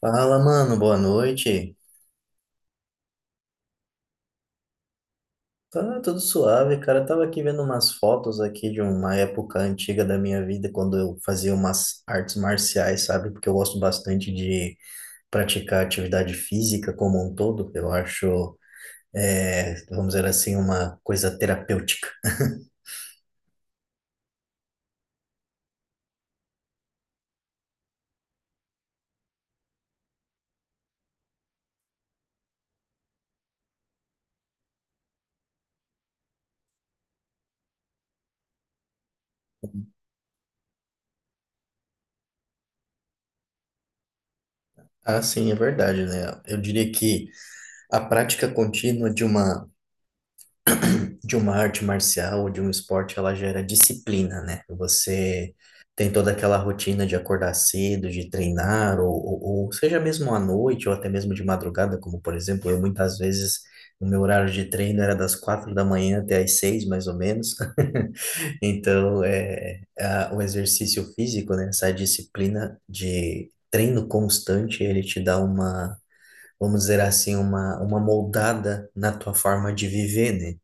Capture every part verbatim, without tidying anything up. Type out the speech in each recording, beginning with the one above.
Fala, mano, boa noite. Tá tudo suave, cara. Eu tava aqui vendo umas fotos aqui de uma época antiga da minha vida, quando eu fazia umas artes marciais, sabe? Porque eu gosto bastante de praticar atividade física como um todo. Eu acho, é, vamos dizer assim, uma coisa terapêutica. Ah, sim, é verdade, né? Eu diria que a prática contínua de uma, de uma arte marcial ou de um esporte, ela gera disciplina, né? Você tem toda aquela rotina de acordar cedo, de treinar, ou, ou, ou seja mesmo à noite, ou até mesmo de madrugada, como por exemplo, eu muitas vezes, o meu horário de treino era das quatro da manhã até às seis, mais ou menos. Então, é, a- o exercício físico, né? Essa disciplina de treino constante, ele te dá uma, vamos dizer assim, uma, uma moldada na tua forma de viver, né?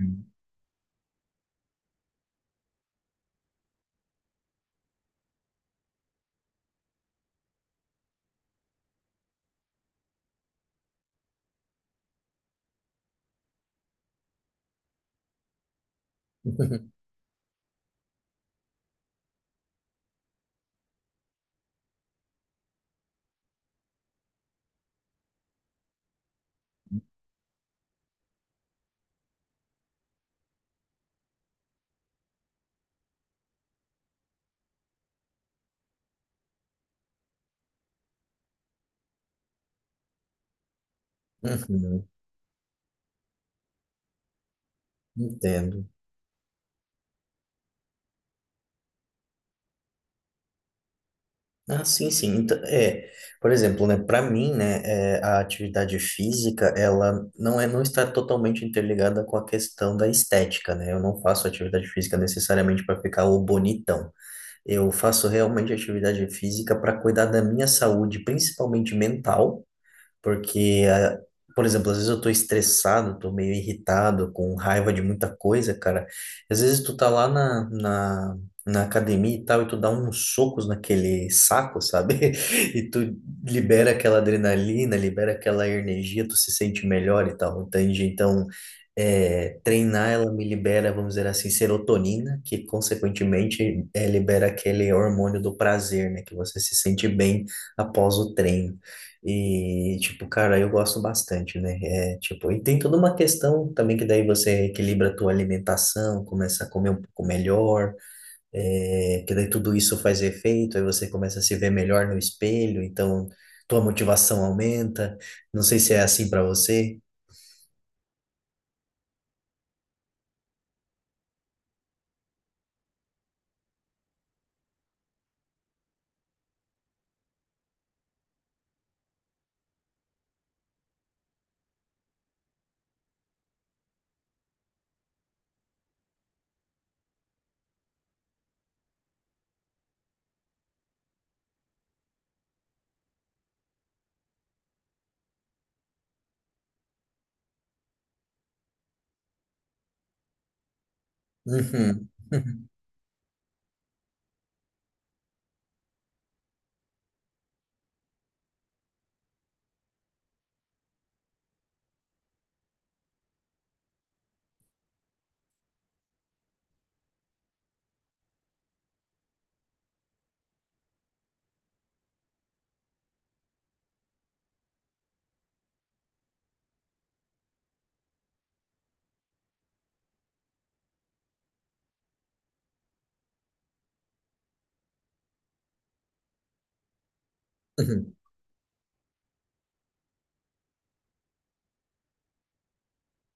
Hum. Uhum, entendo. Ah, sim, sim. Então, é, por exemplo, né, para mim, né, é, a atividade física, ela não é, não está totalmente interligada com a questão da estética, né? Eu não faço atividade física necessariamente para ficar o bonitão. Eu faço realmente atividade física para cuidar da minha saúde, principalmente mental. Porque, ah, por exemplo, às vezes eu tô estressado, tô meio irritado, com raiva de muita coisa, cara. Às vezes tu tá lá na, na, na academia e tal, e tu dá uns socos naquele saco, sabe? E tu libera aquela adrenalina, libera aquela energia, tu se sente melhor e tal, entende? Então, é, treinar, ela me libera, vamos dizer assim, serotonina, que consequentemente é, libera aquele hormônio do prazer, né? Que você se sente bem após o treino. E, tipo, cara, eu gosto bastante, né? É, tipo, e tem toda uma questão também que daí você equilibra a tua alimentação, começa a comer um pouco melhor, é, que daí tudo isso faz efeito, aí você começa a se ver melhor no espelho, então tua motivação aumenta. Não sei se é assim pra você. Uhum.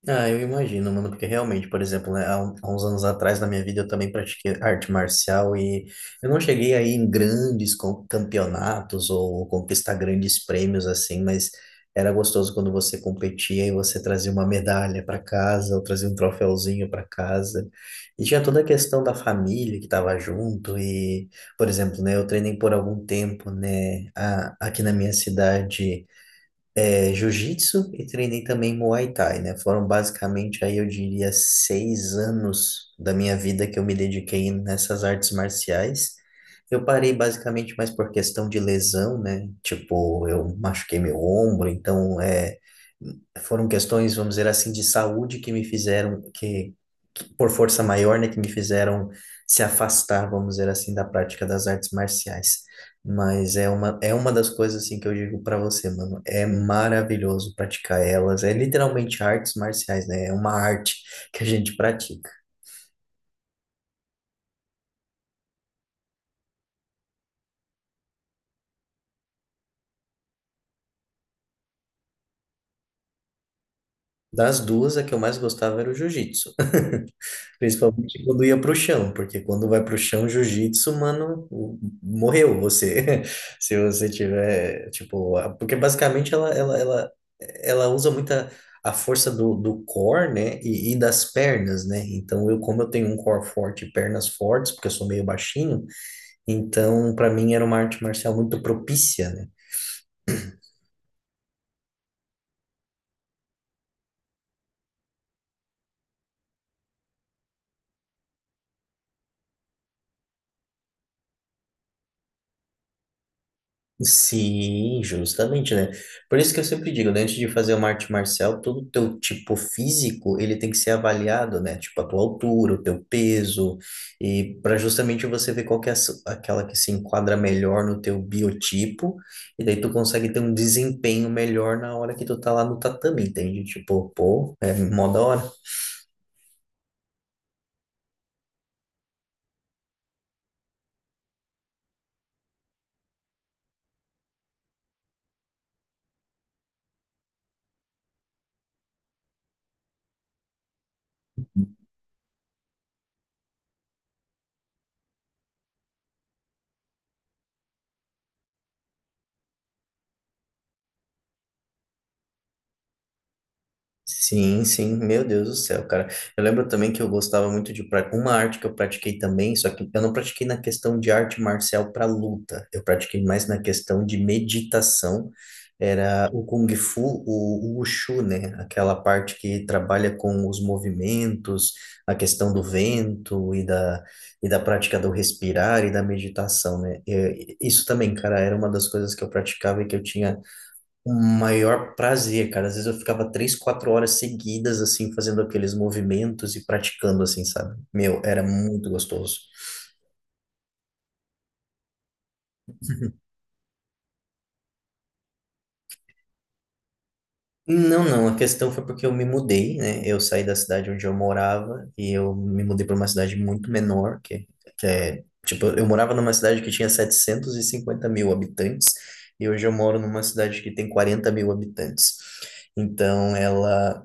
Ah, eu imagino, mano, porque realmente, por exemplo, né, há um- há uns anos atrás na minha vida eu também pratiquei arte marcial e eu não cheguei aí em grandes com- campeonatos ou conquistar grandes prêmios assim, mas era gostoso quando você competia e você trazia uma medalha para casa ou trazia um troféuzinho para casa. E tinha toda a questão da família que estava junto e, por exemplo, né, eu treinei por algum tempo, né, a- aqui na minha cidade, é, jiu-jitsu, e treinei também Muay Thai, né? Foram basicamente aí eu diria seis anos da minha vida que eu me dediquei nessas artes marciais. Eu parei basicamente mais por questão de lesão, né? Tipo, eu machuquei meu ombro, então é foram questões, vamos dizer assim, de saúde que me fizeram, que, que por força maior, né, que me fizeram se afastar, vamos dizer assim, da prática das artes marciais. Mas é uma, é uma, das coisas, assim, que eu digo para você, mano, é maravilhoso praticar elas, é literalmente artes marciais, né, é uma arte que a gente pratica. Das duas, a que eu mais gostava era o jiu-jitsu. Principalmente quando ia pro chão, porque quando vai pro chão, jiu-jitsu, mano, o- morreu você. Se você tiver, tipo, a- porque basicamente ela, ela, ela, ela usa muita a força do, do core, né, e, e das pernas, né? Então, eu, como eu tenho um core forte e pernas fortes, porque eu sou meio baixinho, então, para mim era uma arte marcial muito propícia, né? Sim, justamente, né? Por isso que eu sempre digo, né? Antes de fazer uma arte marcial, todo o teu tipo físico, ele tem que ser avaliado, né? Tipo, a tua altura, o teu peso, e para justamente você ver qual que é a su- aquela que se enquadra melhor no teu biotipo, e daí tu consegue ter um desempenho melhor na hora que tu tá lá no tatame, entende? Tipo, pô, é mó da hora. Sim, sim, meu Deus do céu, cara. Eu lembro também que eu gostava muito de pra- uma arte que eu pratiquei também, só que eu não pratiquei na questão de arte marcial para luta. Eu pratiquei mais na questão de meditação. Era o Kung Fu, o, o Wushu, né? Aquela parte que trabalha com os movimentos, a questão do vento e da, e da prática do respirar e da meditação, né? E- e- isso também, cara, era uma das coisas que eu praticava e que eu tinha o maior prazer, cara. Às vezes eu ficava três, quatro horas seguidas, assim, fazendo aqueles movimentos e praticando, assim, sabe? Meu, era muito gostoso. Não, não, a questão foi porque eu me mudei, né? Eu saí da cidade onde eu morava e eu me mudei para uma cidade muito menor, que, que é, tipo, eu morava numa cidade que tinha setecentos e cinquenta mil habitantes e hoje eu moro numa cidade que tem quarenta mil habitantes. Então, ela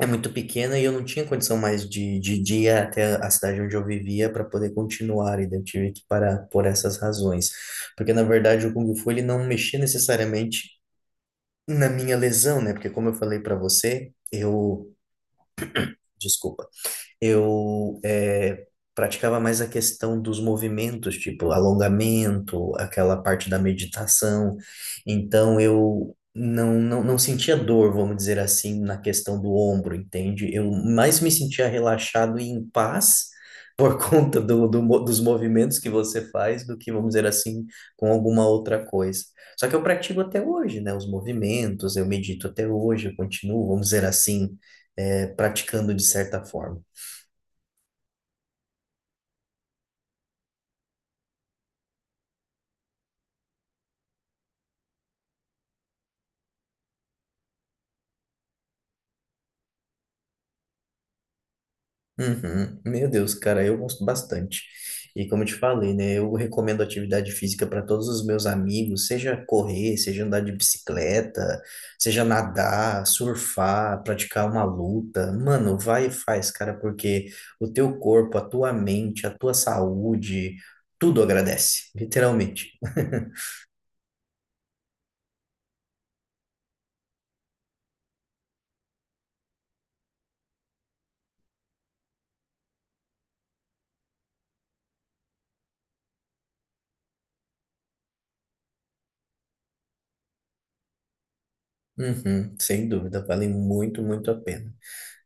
é muito pequena e eu não tinha condição mais de, de, de ir até a cidade onde eu vivia para poder continuar, e daí eu tive que parar por essas razões. Porque, na verdade, o Kung Fu ele não mexia necessariamente na minha lesão, né? Porque, como eu falei para você, eu. Desculpa, eu é, praticava mais a questão dos movimentos, tipo alongamento, aquela parte da meditação. Então eu não, não, não sentia dor, vamos dizer assim, na questão do ombro, entende? Eu mais me sentia relaxado e em paz. Por conta do, do mo- dos movimentos que você faz, do que, vamos dizer assim, com alguma outra coisa. Só que eu pratico até hoje, né? Os movimentos, eu medito até hoje, eu continuo, vamos dizer assim, eh, praticando de certa forma. Uhum. Meu Deus, cara, eu gosto bastante. E como eu te falei, né, eu recomendo atividade física para todos os meus amigos, seja correr, seja andar de bicicleta, seja nadar, surfar, praticar uma luta. Mano, vai e faz, cara, porque o teu corpo, a tua mente, a tua saúde, tudo agradece, literalmente. Uhum, sem dúvida, vale muito, muito a pena.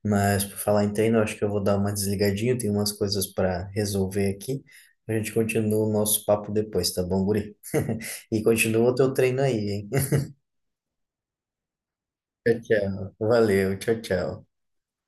Mas por falar em treino, eu acho que eu vou dar uma desligadinha, tem umas coisas para resolver aqui. A gente continua o nosso papo depois, tá bom, guri? E continua o teu treino aí, hein? Tchau, tchau. Valeu, tchau, tchau.